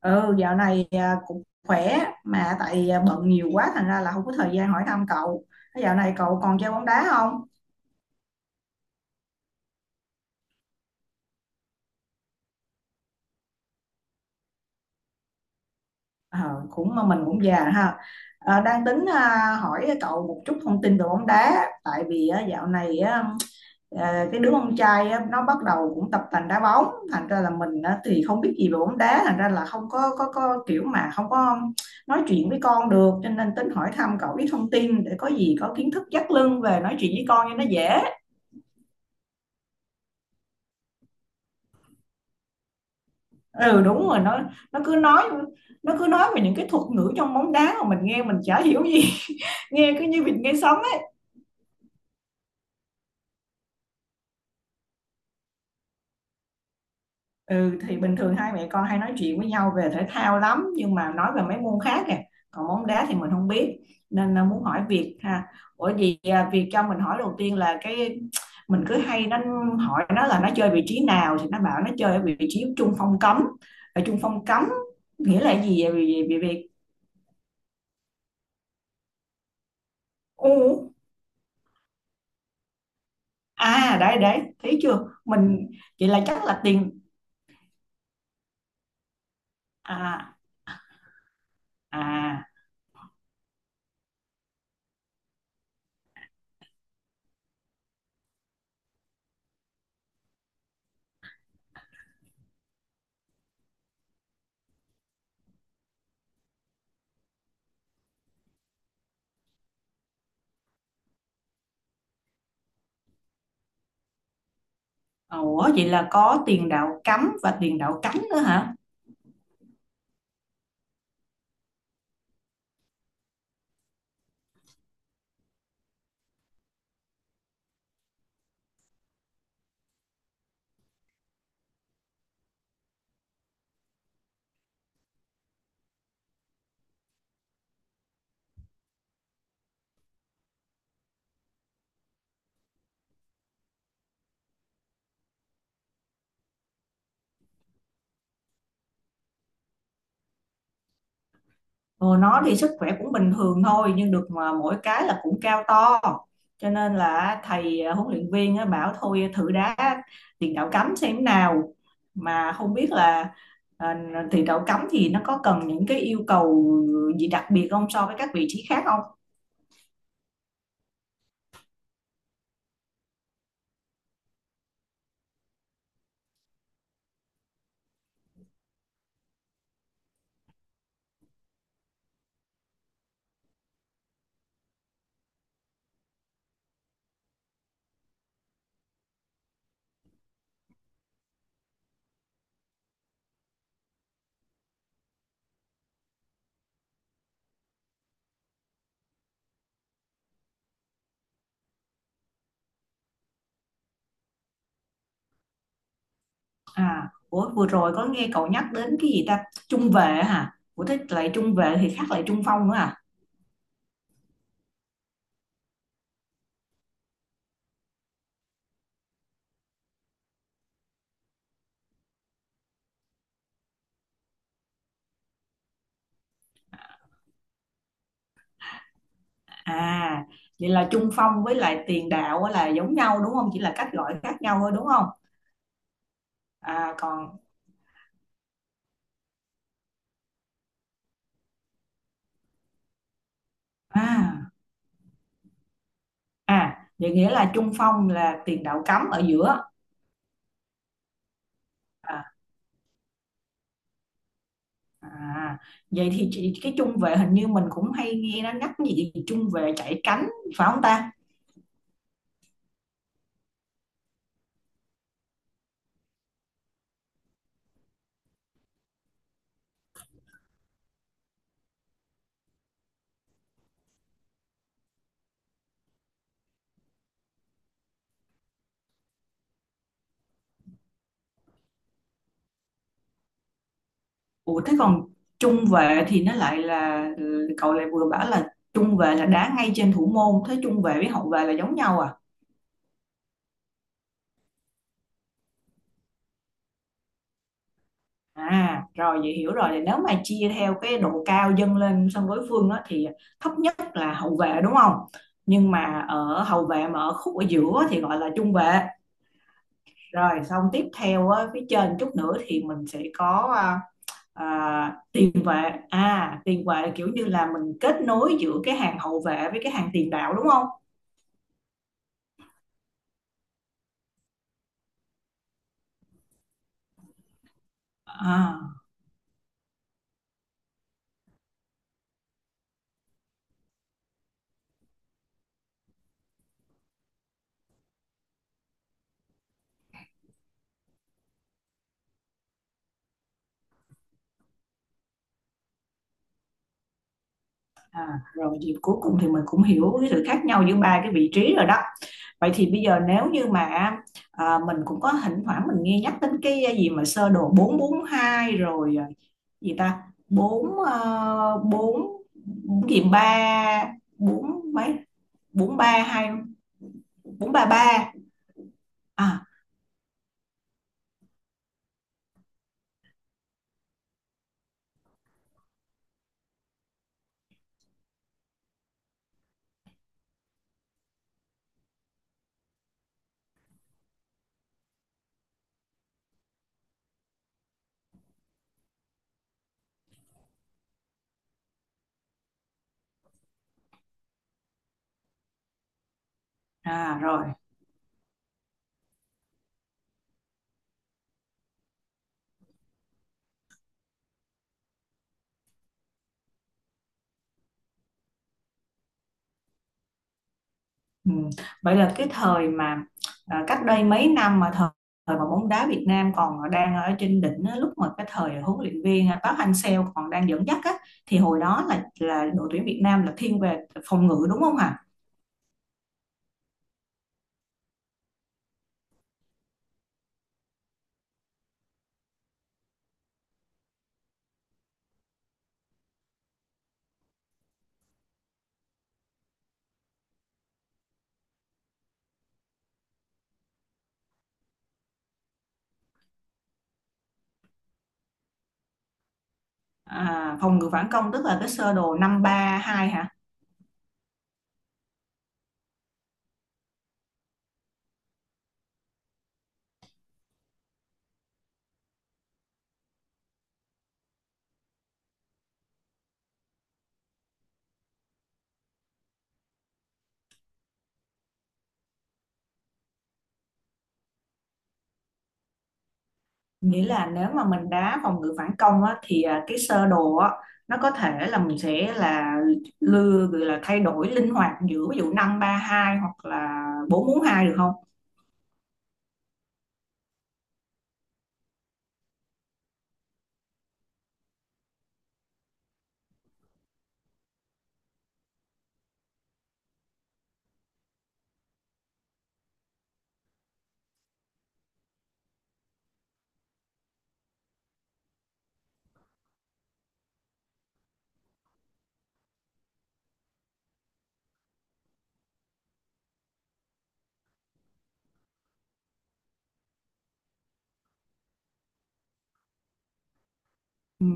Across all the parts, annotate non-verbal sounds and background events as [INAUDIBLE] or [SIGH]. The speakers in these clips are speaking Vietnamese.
Ừ, dạo này cũng khỏe mà bận nhiều quá thành ra là không có thời gian hỏi thăm cậu. Thế dạo này cậu còn chơi bóng đá không? Ờ, cũng mà mình cũng già ha. Ờ, đang tính hỏi cậu một chút thông tin về bóng đá tại vì dạo này á, cái đứa con trai á, nó bắt đầu cũng tập tành đá bóng thành ra là mình á, thì không biết gì về bóng đá thành ra là không có kiểu mà không có nói chuyện với con được, cho nên tính hỏi thăm cậu ít thông tin để có gì có kiến thức dắt lưng về nói chuyện với con cho nó dễ. Ừ, đúng rồi, nó cứ nói, nó cứ nói về những cái thuật ngữ trong bóng đá mà mình nghe mình chả hiểu gì. [LAUGHS] Nghe cứ như vịt nghe sấm ấy. Ừ, thì bình thường hai mẹ con hay nói chuyện với nhau về thể thao lắm, nhưng mà nói về mấy môn khác kìa, còn bóng đá thì mình không biết, nên là muốn hỏi Việt ha. Ủa Việt cho mình hỏi, đầu tiên là cái mình cứ hay hỏi nó là nó chơi vị trí nào, thì nó bảo nó chơi ở vị trí trung phong cấm. Ở trung phong cấm nghĩa là gì vậy Việt, Việt? Ừ. À, đấy đấy, thấy chưa. Mình vậy là chắc là tiền, à à. Ủa vậy là có tiền đạo cắm và tiền đạo cánh nữa hả? Ồ, nó thì sức khỏe cũng bình thường thôi, nhưng được mà mỗi cái là cũng cao to, cho nên là huấn luyện viên á, bảo thôi thử đá tiền đạo cắm xem thế nào. Mà không biết là à, tiền đạo cắm thì nó có cần những cái yêu cầu gì đặc biệt không so với các vị trí khác. À, ủa, vừa rồi có nghe cậu nhắc đến cái gì ta? Trung vệ hả? Ủa thế lại trung vệ thì khác lại trung phong nữa à? À, vậy là trung phong với lại tiền đạo á là giống nhau đúng không? Chỉ là cách gọi khác nhau thôi đúng không? À còn, à à, vậy nghĩa là trung phong là tiền đạo cắm ở giữa. À, à vậy thì chị, cái trung vệ hình như mình cũng hay nghe nó nhắc cái gì trung vệ chạy cánh, phải không ta? Ủa thế còn trung vệ thì nó lại là, ừ, cậu lại vừa bảo là trung vệ là đá ngay trên thủ môn, thế trung vệ với hậu vệ là giống nhau à? À rồi, vậy hiểu rồi, thì nếu mà chia theo cái độ cao dâng lên sân đối phương á, thì thấp nhất là hậu vệ đúng không. Nhưng mà ở hậu vệ mà ở khúc ở giữa thì gọi là trung vệ. Rồi xong tiếp theo á, phía trên chút nữa thì mình sẽ có tiền vệ. À, tiền vệ là kiểu như là mình kết nối giữa cái hàng hậu vệ với cái hàng tiền đạo đúng không. À. À, rồi thì cuối cùng thì mình cũng hiểu cái sự khác nhau giữa ba cái vị trí rồi đó. Vậy thì bây giờ nếu như mà mình cũng có thỉnh thoảng mình nghe nhắc đến cái gì mà sơ đồ 442 rồi gì ta? Bốn bốn, bốn gì ba, bốn mấy? 432, ba ba. À, à rồi. Ừ. Vậy là cái thời mà cách đây mấy năm mà thời, thời mà bóng đá Việt Nam còn đang ở trên đỉnh á, lúc mà cái thời huấn luyện viên Park Hang-seo còn đang dẫn dắt á, thì hồi đó là đội tuyển Việt Nam là thiên về phòng ngự đúng không hả? À, phòng ngự phản công tức là cái sơ đồ năm ba hai hả? Nghĩa là nếu mà mình đá phòng ngự phản công á, thì cái sơ đồ á, nó có thể là mình sẽ là lưa gọi là thay đổi linh hoạt giữa ví dụ năm ba hai hoặc là bốn 4 hai được không? Ừ.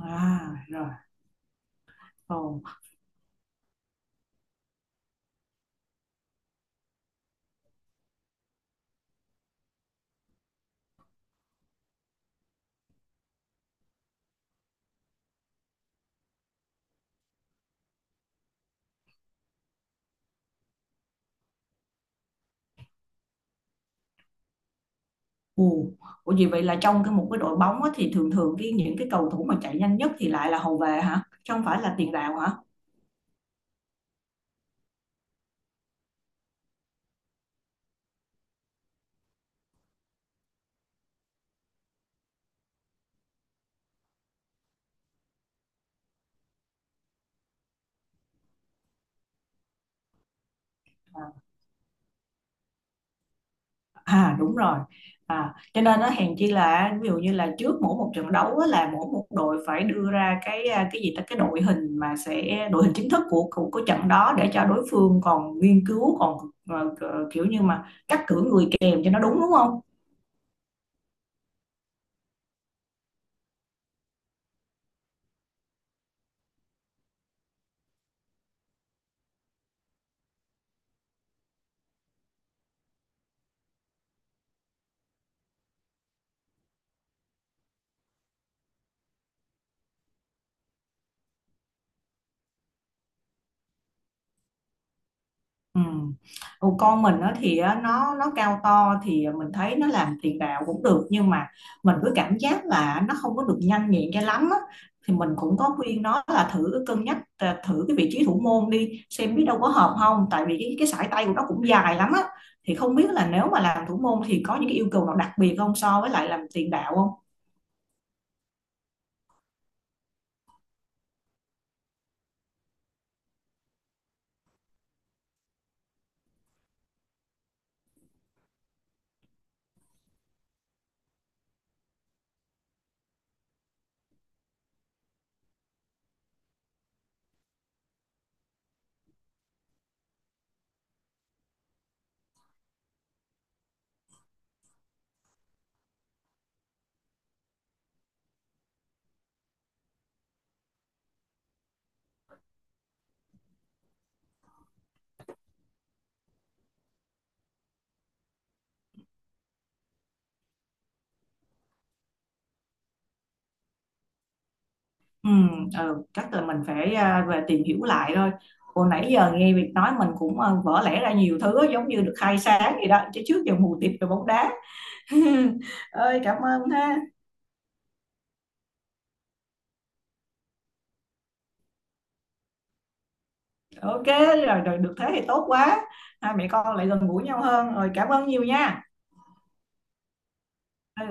À rồi, ồ, ồ. Ủa vậy vậy là trong cái một cái đội bóng á, thì thường thường cái những cái cầu thủ mà chạy nhanh nhất thì lại là hậu vệ hả? Chứ không phải là tiền đạo hả? À, à, đúng rồi. À, cho nên nó hèn chi là ví dụ như là trước mỗi một trận đấu á, là mỗi một đội phải đưa ra cái cái gì ta, cái đội hình mà sẽ đội hình chính thức của trận đó để cho đối phương còn nghiên cứu còn ờ, kiểu như mà cắt cử người kèm cho nó đúng, đúng không? Ừ. Còn con mình nó thì á, nó cao to thì mình thấy nó làm tiền đạo cũng được, nhưng mà mình cứ cảm giác là nó không có được nhanh nhẹn cho lắm á. Thì mình cũng có khuyên nó là thử cân nhắc thử cái vị trí thủ môn đi xem biết đâu có hợp không, tại vì cái sải tay của nó cũng dài lắm á, thì không biết là nếu mà làm thủ môn thì có những cái yêu cầu nào đặc biệt không so với lại làm tiền đạo không. Ừ, ừ, chắc là mình phải về tìm hiểu lại thôi. Hồi nãy giờ nghe Việt nói mình cũng vỡ lẽ ra nhiều thứ, giống như được khai sáng gì đó, chứ trước giờ mù tịt về bóng đá. [LAUGHS] Ơi cảm ơn ha. Ok rồi, rồi được thế thì tốt quá. Hai mẹ con lại gần gũi nhau hơn. Rồi cảm ơn nhiều nha. Ừ.